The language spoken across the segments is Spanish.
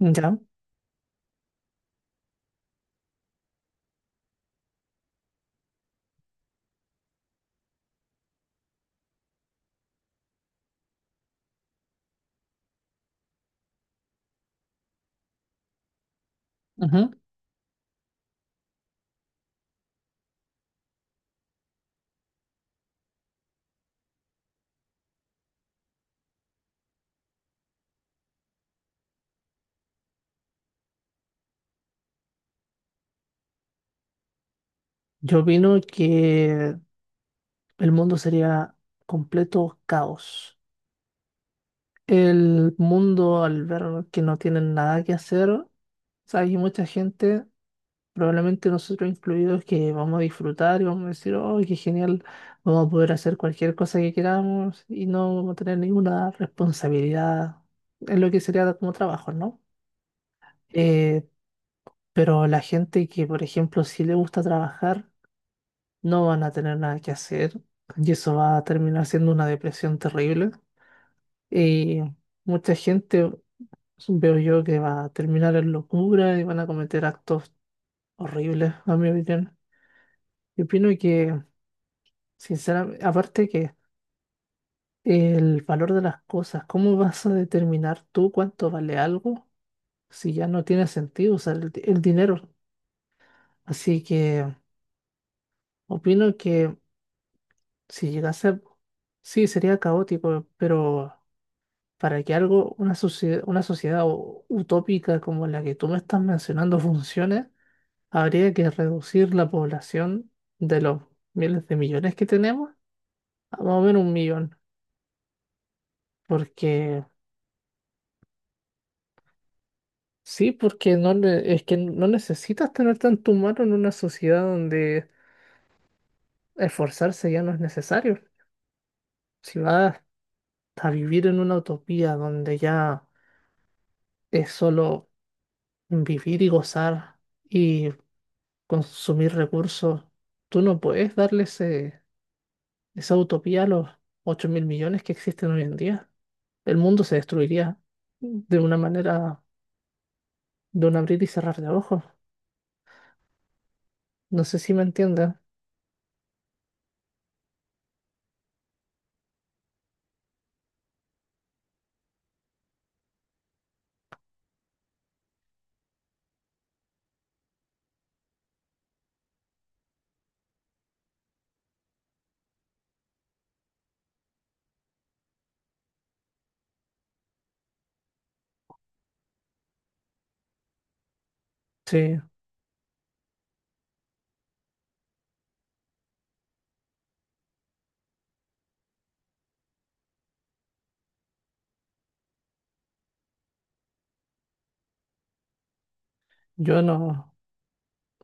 Ya, ujú. Yo opino que el mundo sería completo caos. El mundo al ver que no tienen nada que hacer, o sea, hay mucha gente, probablemente nosotros incluidos, que vamos a disfrutar y vamos a decir, oh, qué genial, vamos a poder hacer cualquier cosa que queramos y no vamos a tener ninguna responsabilidad en lo que sería como trabajo, ¿no? Eh, pero la gente que, por ejemplo, sí le gusta trabajar, no van a tener nada que hacer y eso va a terminar siendo una depresión terrible. Y mucha gente, veo yo, que va a terminar en locura y van a cometer actos horribles, a mi opinión. Yo opino que, sinceramente, aparte que el valor de las cosas, ¿cómo vas a determinar tú cuánto vale algo si ya no tiene sentido usar el dinero? Así que opino que si llegase a. Sí, sería caótico, pero para que algo, una sociedad utópica como la que tú me estás mencionando funcione, habría que reducir la población de los miles de millones que tenemos a más o menos un millón. Porque, sí, porque no, es que no necesitas tener tanto humano en una sociedad donde esforzarse ya no es necesario. Si vas a vivir en una utopía donde ya es solo vivir y gozar. Y consumir recursos, tú no puedes darle esa utopía a los 8.000 millones que existen hoy en día. El mundo se destruiría de una manera, de un abrir y cerrar de ojos. No sé si me entienden. Sí, yo no.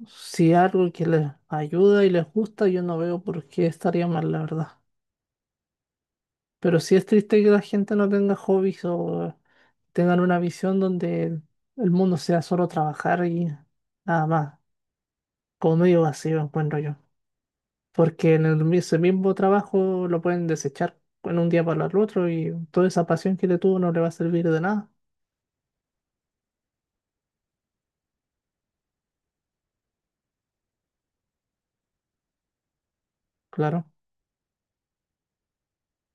Si algo que les ayuda y les gusta, yo no veo por qué estaría mal, la verdad. Pero sí es triste que la gente no tenga hobbies o tengan una visión donde el mundo sea solo trabajar y nada más, como medio vacío, encuentro yo. Porque en ese mismo trabajo lo pueden desechar en un día para el otro y toda esa pasión que le tuvo no le va a servir de nada. Claro,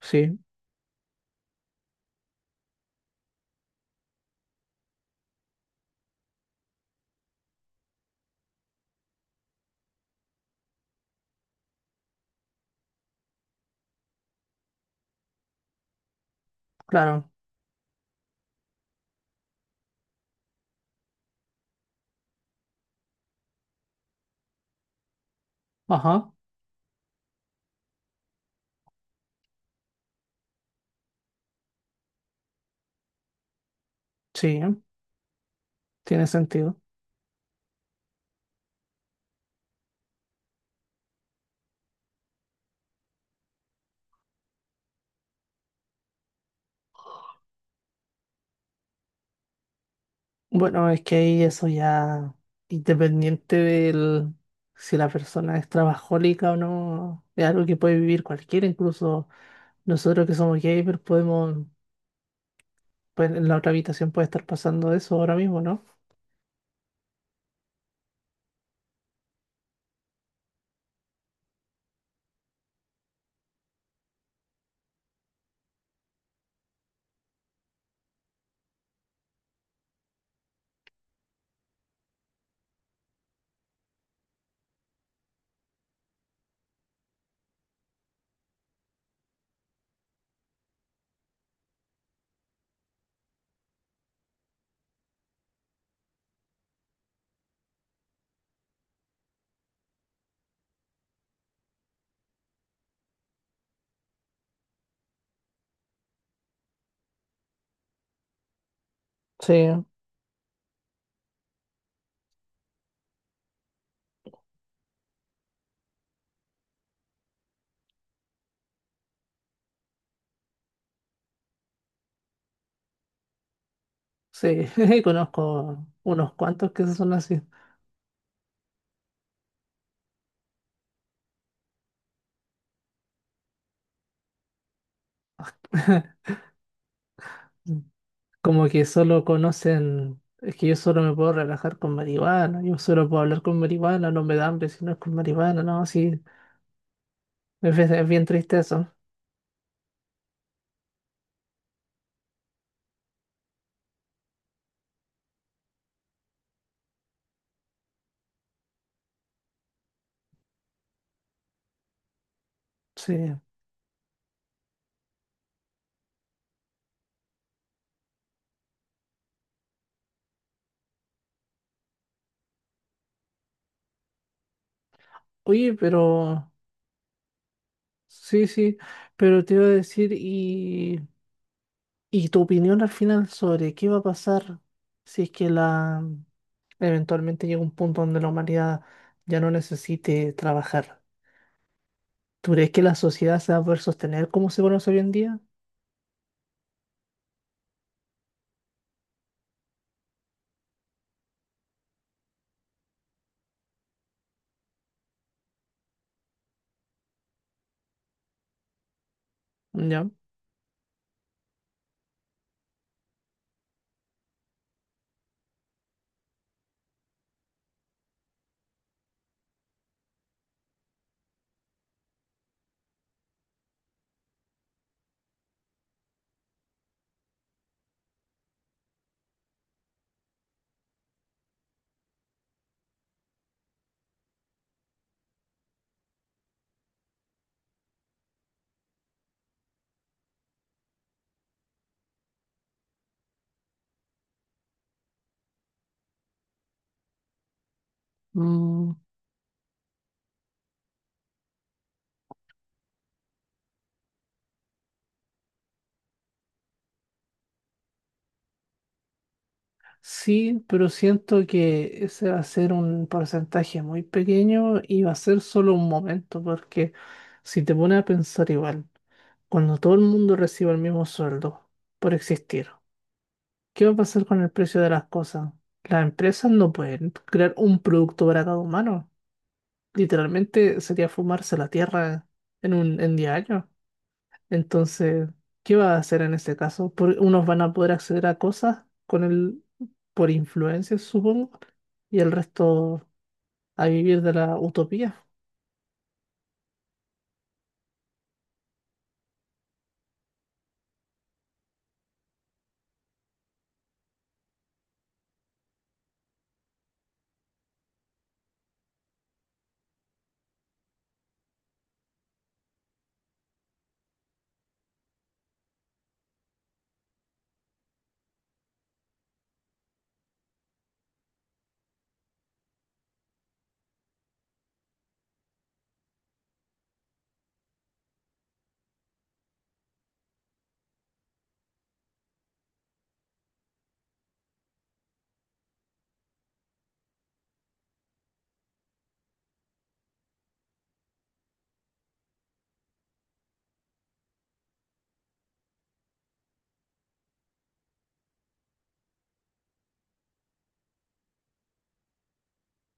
sí, claro, ajá, sí, tiene sentido. Bueno, es que ahí eso ya, independiente del si la persona es trabajólica o no, es algo que puede vivir cualquiera, incluso nosotros que somos gamers podemos, pues en la otra habitación puede estar pasando eso ahora mismo, ¿no? Sí, sí, conozco unos cuantos que son así. Como que solo conocen, es que yo solo me puedo relajar con marihuana, yo solo puedo hablar con marihuana, no me da hambre si no es con marihuana, no, sí, es bien triste eso. Sí. Oye, pero, sí, sí, pero te iba a decir, y tu opinión al final sobre qué va a pasar si es que la, eventualmente llega un punto donde la humanidad ya no necesite trabajar. ¿Tú crees que la sociedad se va a poder sostener como se conoce hoy en día? Ya. Mm. Sí, pero siento que ese va a ser un porcentaje muy pequeño y va a ser solo un momento, porque si te pones a pensar igual, cuando todo el mundo reciba el mismo sueldo por existir, ¿qué va a pasar con el precio de las cosas? Las empresas no pueden crear un producto para cada humano. Literalmente sería fumarse la tierra en 10 años. Entonces, ¿qué va a hacer en ese caso? Unos van a poder acceder a cosas con el, por influencia, supongo, y el resto a vivir de la utopía.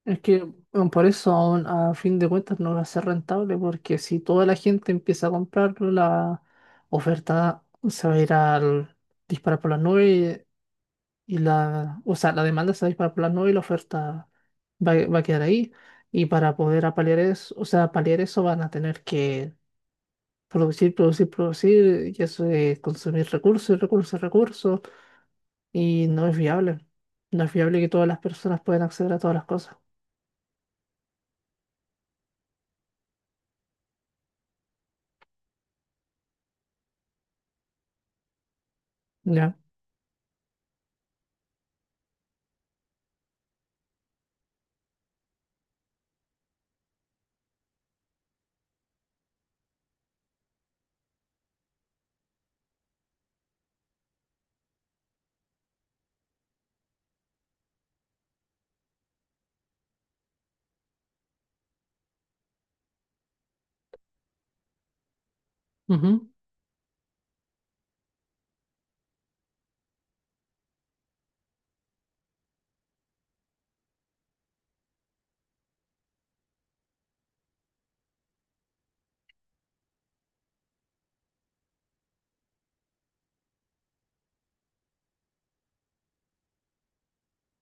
Es que bueno, por eso aún a fin de cuentas no va a ser rentable, porque si toda la gente empieza a comprarlo, la oferta se va a ir al disparar por las nubes y la, o sea, la demanda se va a disparar por las nubes y la oferta va a quedar ahí. Y para poder apalear eso, o sea, paliar eso van a tener que producir, producir, producir, y eso es consumir recursos recursos, recursos, y no es viable. No es viable que todas las personas puedan acceder a todas las cosas. Ya. Ujú.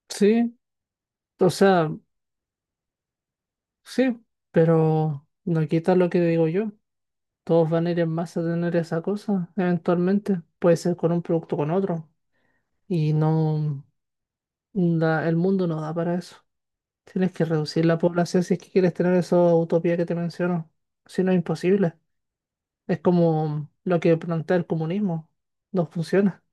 Sí, o sea, sí, pero no quita lo que digo yo. Todos van a ir en masa a tener esa cosa, eventualmente. Puede ser con un producto o con otro. Y no, el mundo no da para eso. Tienes que reducir la población si es que quieres tener esa utopía que te menciono. Si no, es imposible. Es como lo que plantea el comunismo. No funciona.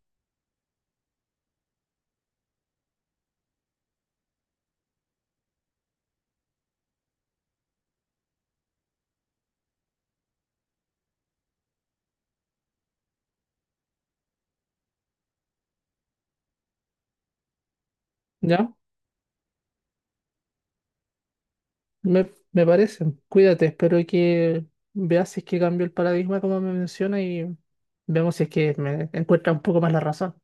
¿Ya? Me parece. Cuídate, espero que veas si es que cambio el paradigma como me menciona y vemos si es que me encuentra un poco más la razón.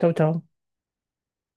Chau, chau.